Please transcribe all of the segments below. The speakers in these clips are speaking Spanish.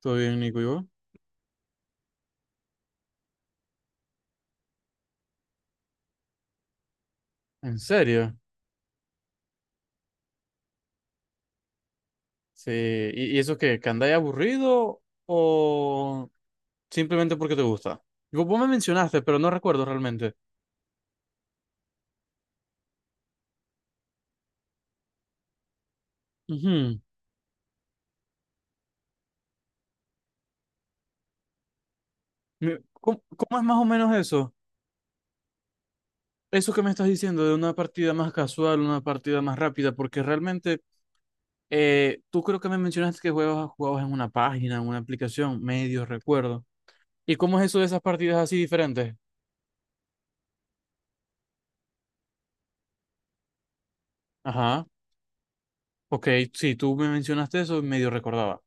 Todo bien, Nico, ¿y vos? ¿En serio? Sí. ¿Y eso qué? ¿Que andáis aburrido o simplemente porque te gusta? Digo, vos me mencionaste, pero no recuerdo realmente. Ujú. ¿Cómo es más o menos eso? Eso que me estás diciendo de una partida más casual, una partida más rápida, porque realmente tú creo que me mencionaste que jugabas en una página, en una aplicación, medio recuerdo. ¿Y cómo es eso de esas partidas así diferentes? Ajá. Ok, sí, tú me mencionaste eso, y medio recordaba.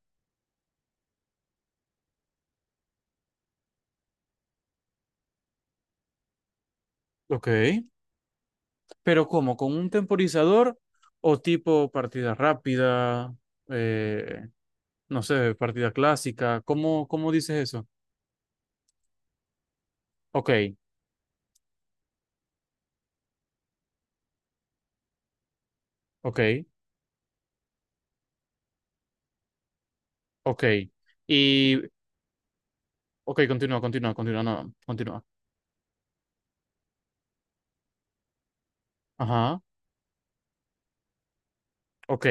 Ok, pero ¿cómo? ¿Con un temporizador o tipo partida rápida? Eh, no sé, partida clásica. ¿Cómo dices eso? Ok, ok, ok. Y, ok, continúa, continúa, continúa, no, continúa. Ajá, ok.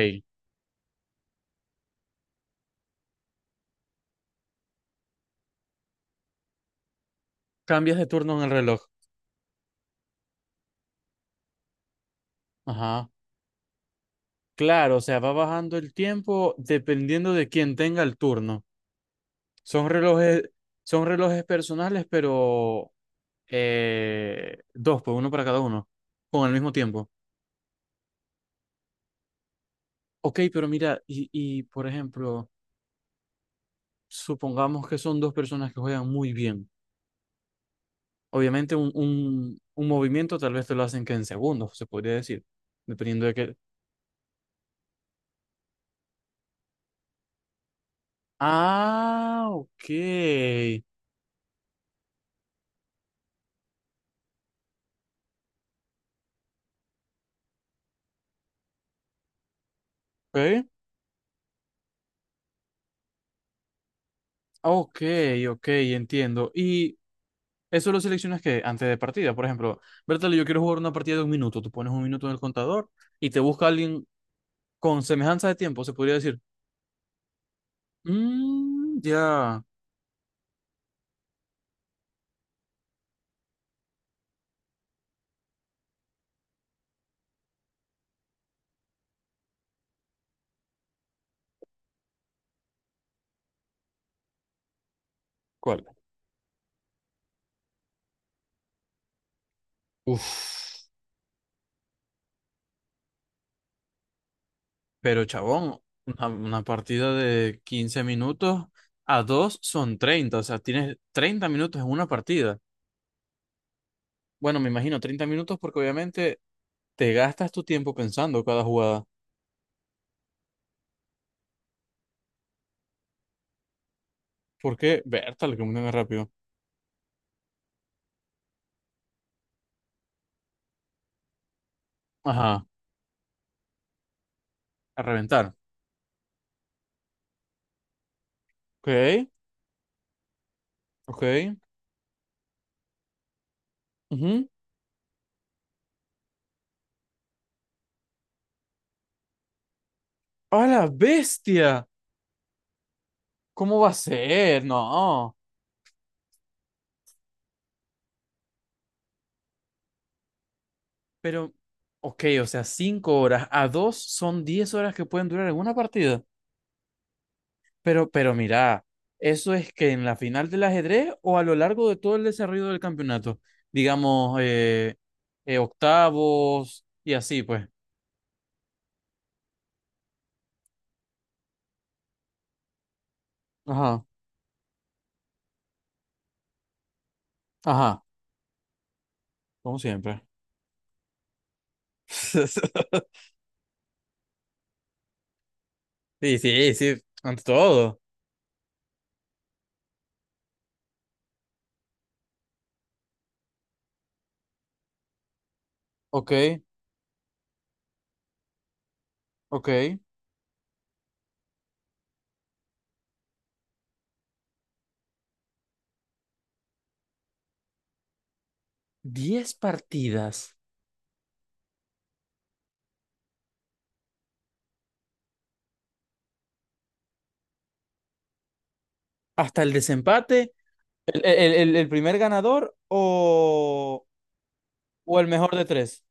Cambias de turno en el reloj. Ajá. Claro, o sea, va bajando el tiempo dependiendo de quién tenga el turno. Son relojes, son relojes personales, pero dos, pues uno para cada uno, con el mismo tiempo. Ok, pero mira, y por ejemplo, supongamos que son dos personas que juegan muy bien. Obviamente un movimiento tal vez te lo hacen que en segundos, se podría decir, dependiendo de qué. Ah, ok. Ok, ok, ok, entiendo. Y eso lo seleccionas que antes de partida, por ejemplo, Bertale, yo quiero jugar una partida de 1 minuto, tú pones 1 minuto en el contador y te busca alguien con semejanza de tiempo, se podría decir. Mm, ya. ¿Cuál? Uf, pero chabón, una partida de 15 minutos a dos son 30, o sea, tienes 30 minutos en una partida. Bueno, me imagino 30 minutos porque obviamente te gastas tu tiempo pensando cada jugada. Porque, Bertal, que muy rápido. Ajá, a reventar. Ok, ok. Ujú. ¡A la bestia! ¿Cómo va a ser? No. Pero, ok, o sea, 5 horas a dos son 10 horas que pueden durar en una partida. Pero mira, eso es que en la final del ajedrez o a lo largo de todo el desarrollo del campeonato, digamos, octavos y así, pues. Ajá, ajá, como siempre. Sí, sí, sí, ante todo. Ok, ok. 10 partidas hasta el desempate, el primer ganador o el mejor de tres.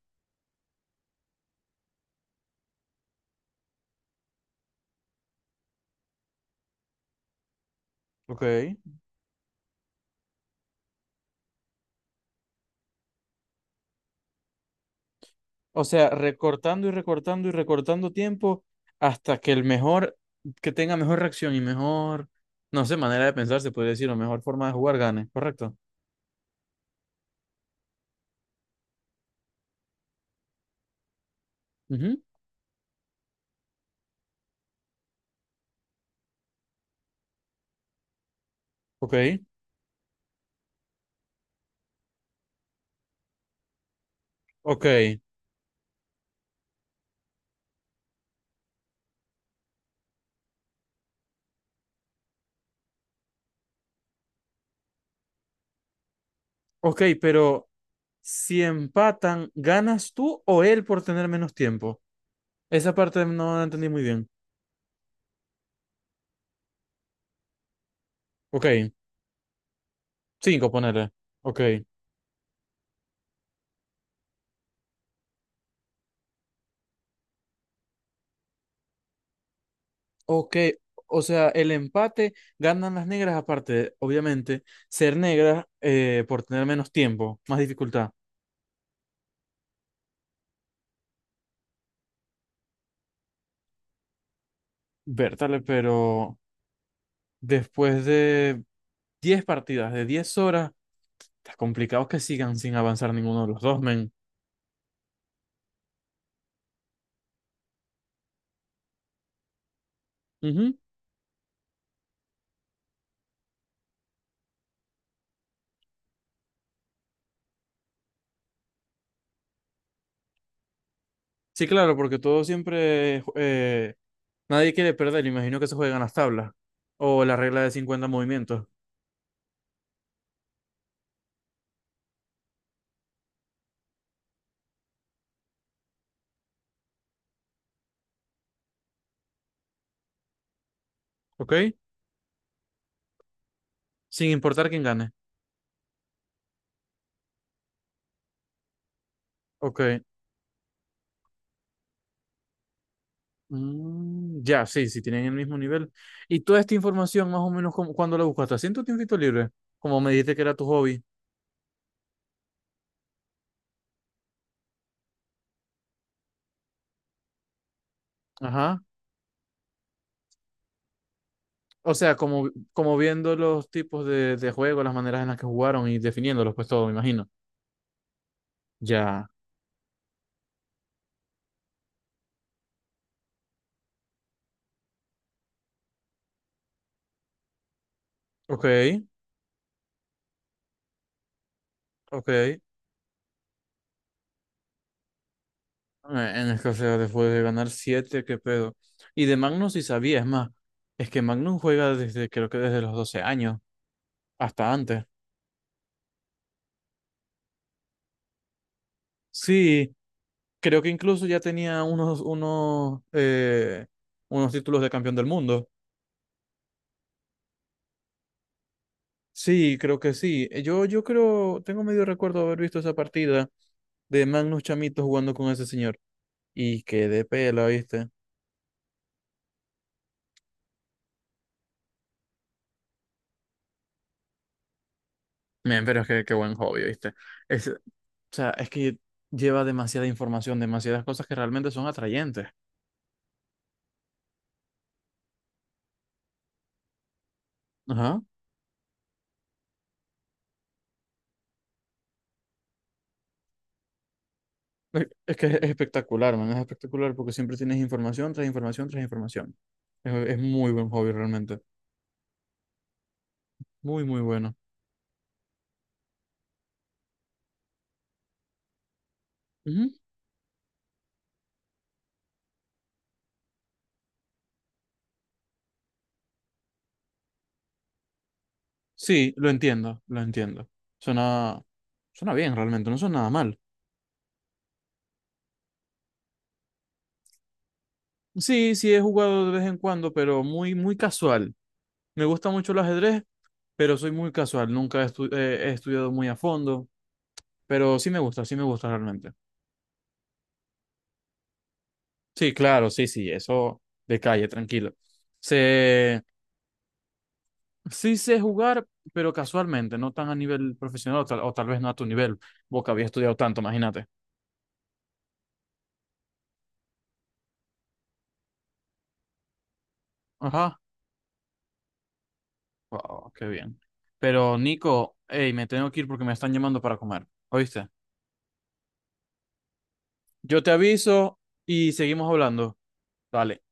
Ok. O sea, recortando y recortando y recortando tiempo hasta que el mejor, que tenga mejor reacción y mejor, no sé, manera de pensar, se puede decir, o mejor forma de jugar gane, ¿correcto? Ujú. Ok, ok, ok, pero si empatan, ¿ganas tú o él por tener menos tiempo? Esa parte no la entendí muy bien. Ok, cinco, ponele. Ok. Ok, o sea, el empate ganan las negras aparte, de, obviamente, ser negras por tener menos tiempo, más dificultad. Bertale, pero después de 10 partidas, de 10 horas, está complicado que sigan sin avanzar ninguno de los dos, men. Ujú. Sí, claro, porque todo siempre, nadie quiere perder, imagino que se juegan las tablas o la regla de 50 movimientos, ¿ok? Sin importar quién gane, ¿ok? Mm, ya, sí, sí, tienen el mismo nivel. Y toda esta información, más o menos, como, ¿cuándo la buscaste? ¿Haciendo tiempito libre? Como me dijiste que era tu hobby. Ajá. O sea, como viendo los tipos de juego, las maneras en las que jugaron y definiéndolos, pues todo, me imagino. Ya. Ok, ok. En escasez, después de ganar 7 qué pedo. Y de Magnum sí sabía, es más. Es que Magnum juega desde, creo que desde los 12 años, hasta antes. Sí, creo que incluso ya tenía unos, unos títulos de campeón del mundo. Sí, creo que sí. Yo creo, tengo medio recuerdo haber visto esa partida de Magnus Chamito jugando con ese señor. Y qué de pela, ¿viste? Men, pero es que qué buen hobby, ¿viste? O sea, es que lleva demasiada información, demasiadas cosas que realmente son atrayentes. Ajá. Es que es espectacular, man, es espectacular porque siempre tienes información tras información tras información. Es muy buen hobby realmente. Muy, muy bueno. Ujú. Sí, lo entiendo, lo entiendo. Suena, suena bien realmente, no suena nada mal. Sí, sí he jugado de vez en cuando, pero muy, muy casual. Me gusta mucho el ajedrez, pero soy muy casual. Nunca he estudiado muy a fondo, pero sí me gusta realmente. Sí, claro, sí, sí, eso de calle, tranquilo. Sé- sí sé jugar, pero casualmente, no tan a nivel profesional o tal vez no a tu nivel. Vos que habías estudiado tanto, imagínate. Ajá. Wow, qué bien. Pero Nico, hey, me tengo que ir porque me están llamando para comer. ¿Oíste? Yo te aviso y seguimos hablando. Dale.